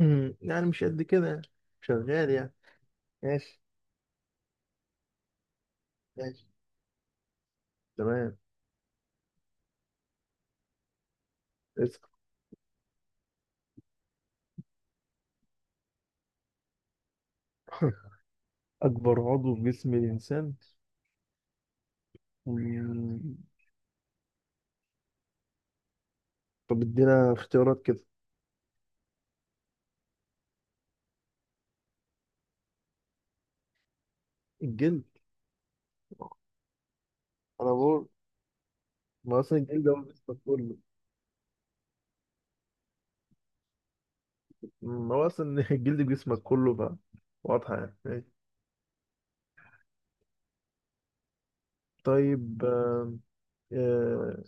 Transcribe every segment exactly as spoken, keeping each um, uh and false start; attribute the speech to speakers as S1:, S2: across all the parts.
S1: امم يعني مش قد كده يعني. شغال يعني. ماشي. ماشي. تمام. اسأل. أكبر عضو في جسم الإنسان؟ مم. طب ادينا اختيارات كده. الجلد. أنا بقول ما أصلا الجلد هو جسمك كله. مم، هو أصلا الجلد جسمك كله بقى. واضحة يعني. ماشي. طيب. آم، آه،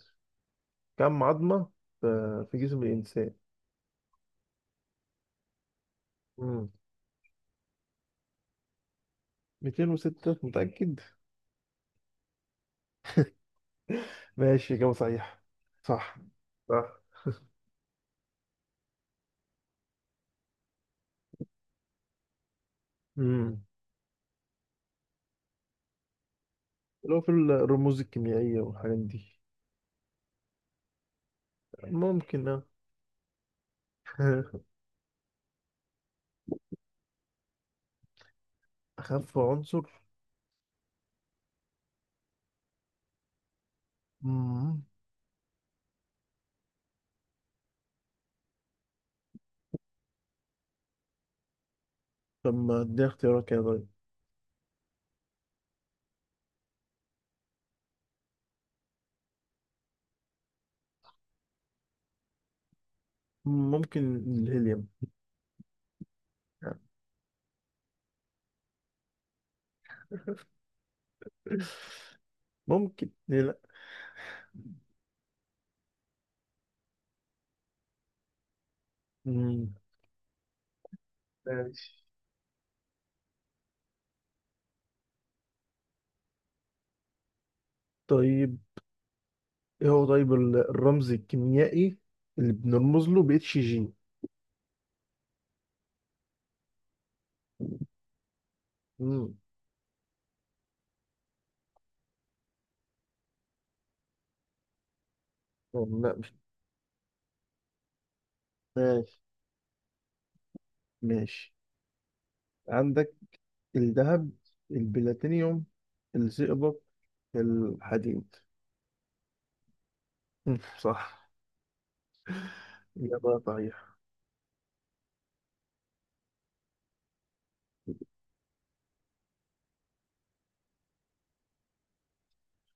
S1: كم عظمة في في جسم الإنسان؟ مم. مئتين وستة متأكد؟ ماشي، إجابة صحيحة. صح. صح. مم. لو في الرموز الكيميائية والحاجات دي، ممكن اه. أخف عنصر. مم. طب ما اديها اختيارات كده. طيب. ممكن الهيليوم. يعني، ممكن، ليه لأ. مم. ماشي. طيب ايه هو، طيب ال- الرمز الكيميائي اللي بنرمز له ب اتش جي؟ مم. طب لا، مش. ماشي. ماشي. عندك الذهب، البلاتينيوم، الزئبق، الحديد. مم. صح. إجابة صحيحة.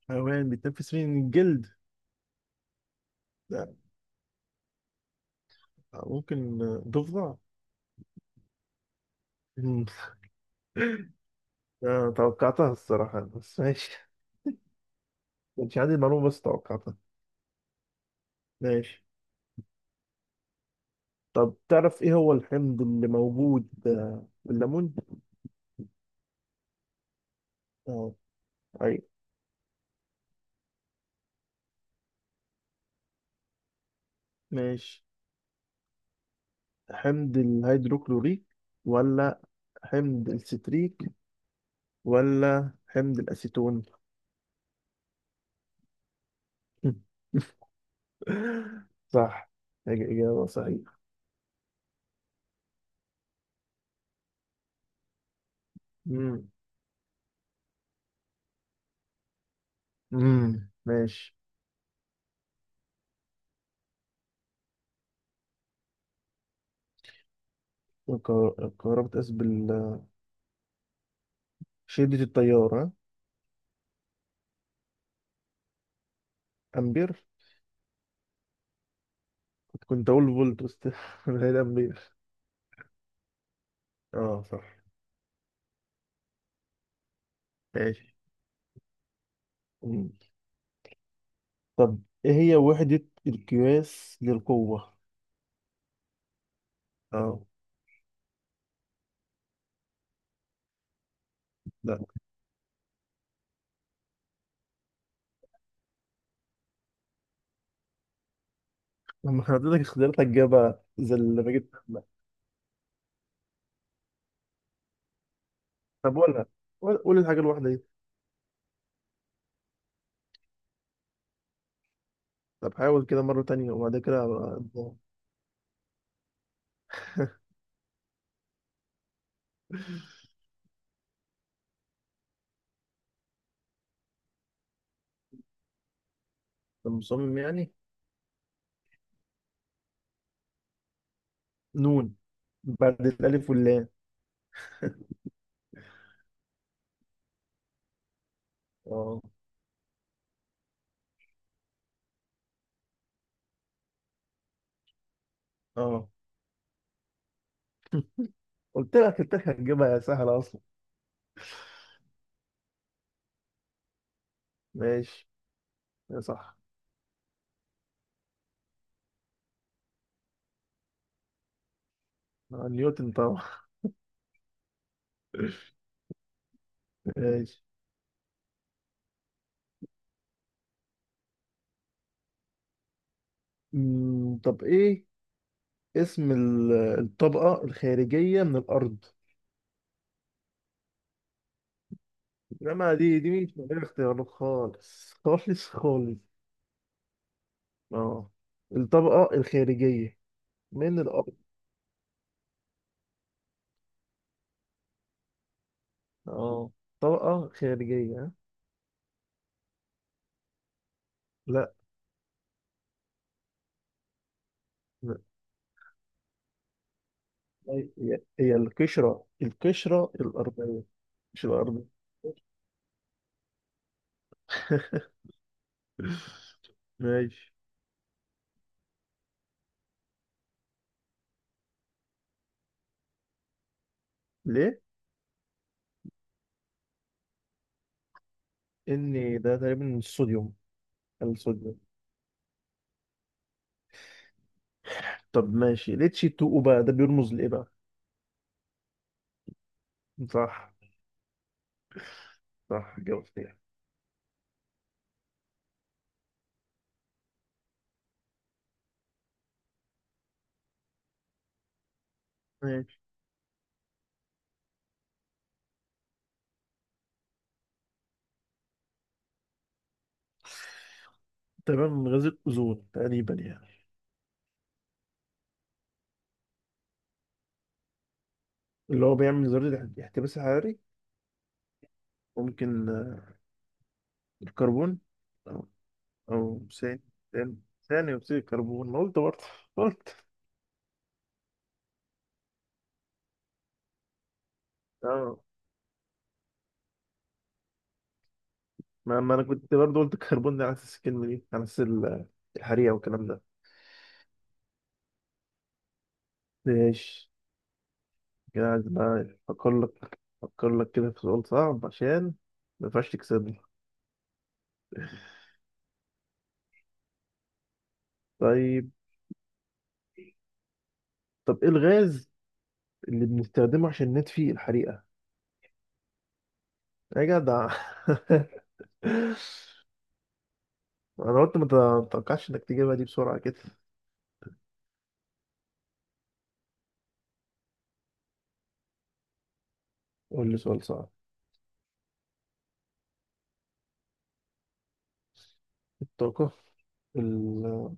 S1: حيوان بيتنفس من الجلد. ده ممكن ضفدع. مم. آه، توقعتها الصراحة، بس ماشي. كانش عندي المعلومة بس توقعتها. ماشي. طب، تعرف ايه هو الحمض اللي موجود آه، في الليمون؟ اه. اي. ماشي. حمض الهيدروكلوريك، ولا حمض الستريك، ولا حمض الأسيتون؟ صح. إج- إجابة صحيحة. مم. مم. ماشي. قر- قربت أسبل. شدة التيار، ها؟ أمبير. كنت اقول فولت بس هي الامبير. اه صح. ماشي. مم. طب، ايه هي وحدة القياس للقوة؟ اه. لا. لما حضرتك اختيارات هتجيبها زي اللي ما جبت، لا. طب قولها. قول قول الحاجة الواحدة دي. طب حاول كده مرة تانية وبعد كده هبقى- طب مصمم يعني. نون، بعد الألف واللام. اه. اه. قلت لك، قلت لك هتجيبها يا سهلة أصلا. ماشي. يا صح. آه، نيوتن طبعا. ماشي. مم، طب إيه اسم ال- الطبقة الخارجية من الأرض؟ إنما دي دي مش من غير اختيارات، خالص خالص خالص. اه. الطبقة الخارجية من الأرض. اه، طبقة خارجية، ها؟ لا. لا. هي هي القشرة القشرة الأرضية، مش الأرض. ماشي. ليه؟ إن ده تقريبا الصوديوم. الصوديوم. طب ماشي، ليه تشي اتنين بقى ده بيرمز لإيه بقى؟ صح. صح جاوبت. يعني. تقريبا من غاز الأوزون تقريبا يعني. اللي هو بيعمل ذرة اح- احتباس حراري. ممكن آه، الكربون. أو أو ثاني ثاني ثاني أكسيد الكربون. ما قلت برضه؟ قلت. اه. ما, ما أنا كنت برضه قلت الكربون، ده على أساس الكلمة دي، على أساس ال- الحريقة والكلام ده. ماشي. كده عايز بقى أفكر لك أفكر لك كده في سؤال صعب، عشان ما ينفعش تكسبني. طيب. طب إيه الغاز اللي بنستخدمه عشان نطفي الحريقة؟ يا جدع. انا قلت، ما تتوقعش انك تجيبها دي بسرعة كده. قول لي سؤال صعب. الطاقة ال...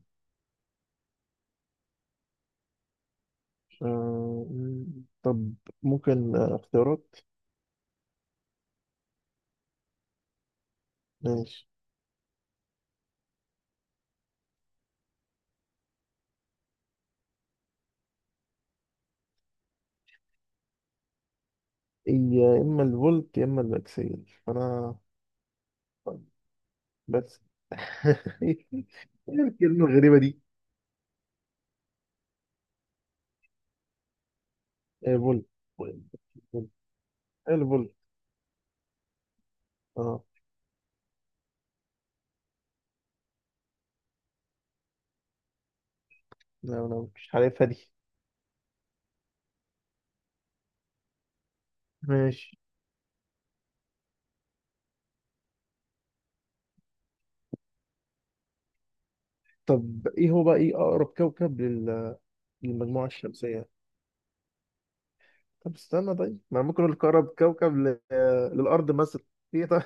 S1: آه، م- طب ممكن آه، اختيارات. ماشي. يا اما الفولت، يا اما البكسل. انا بس. ايه الكلمة الغريبة دي؟ إيه، فولت؟ فولت. إيه الفولت؟ اه. لا، انا مش عارفها دي. ماشي. طب ايه هو بقى، ايه اقرب كوكب لل... للمجموعة الشمسية؟ طب استنى. طيب ما أنا ممكن اقول لك اقرب كوكب ل... آه، للارض مثلا. في إيه طيب؟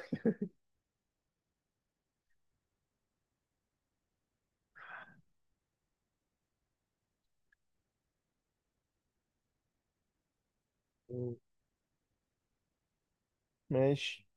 S1: مم. ماشي.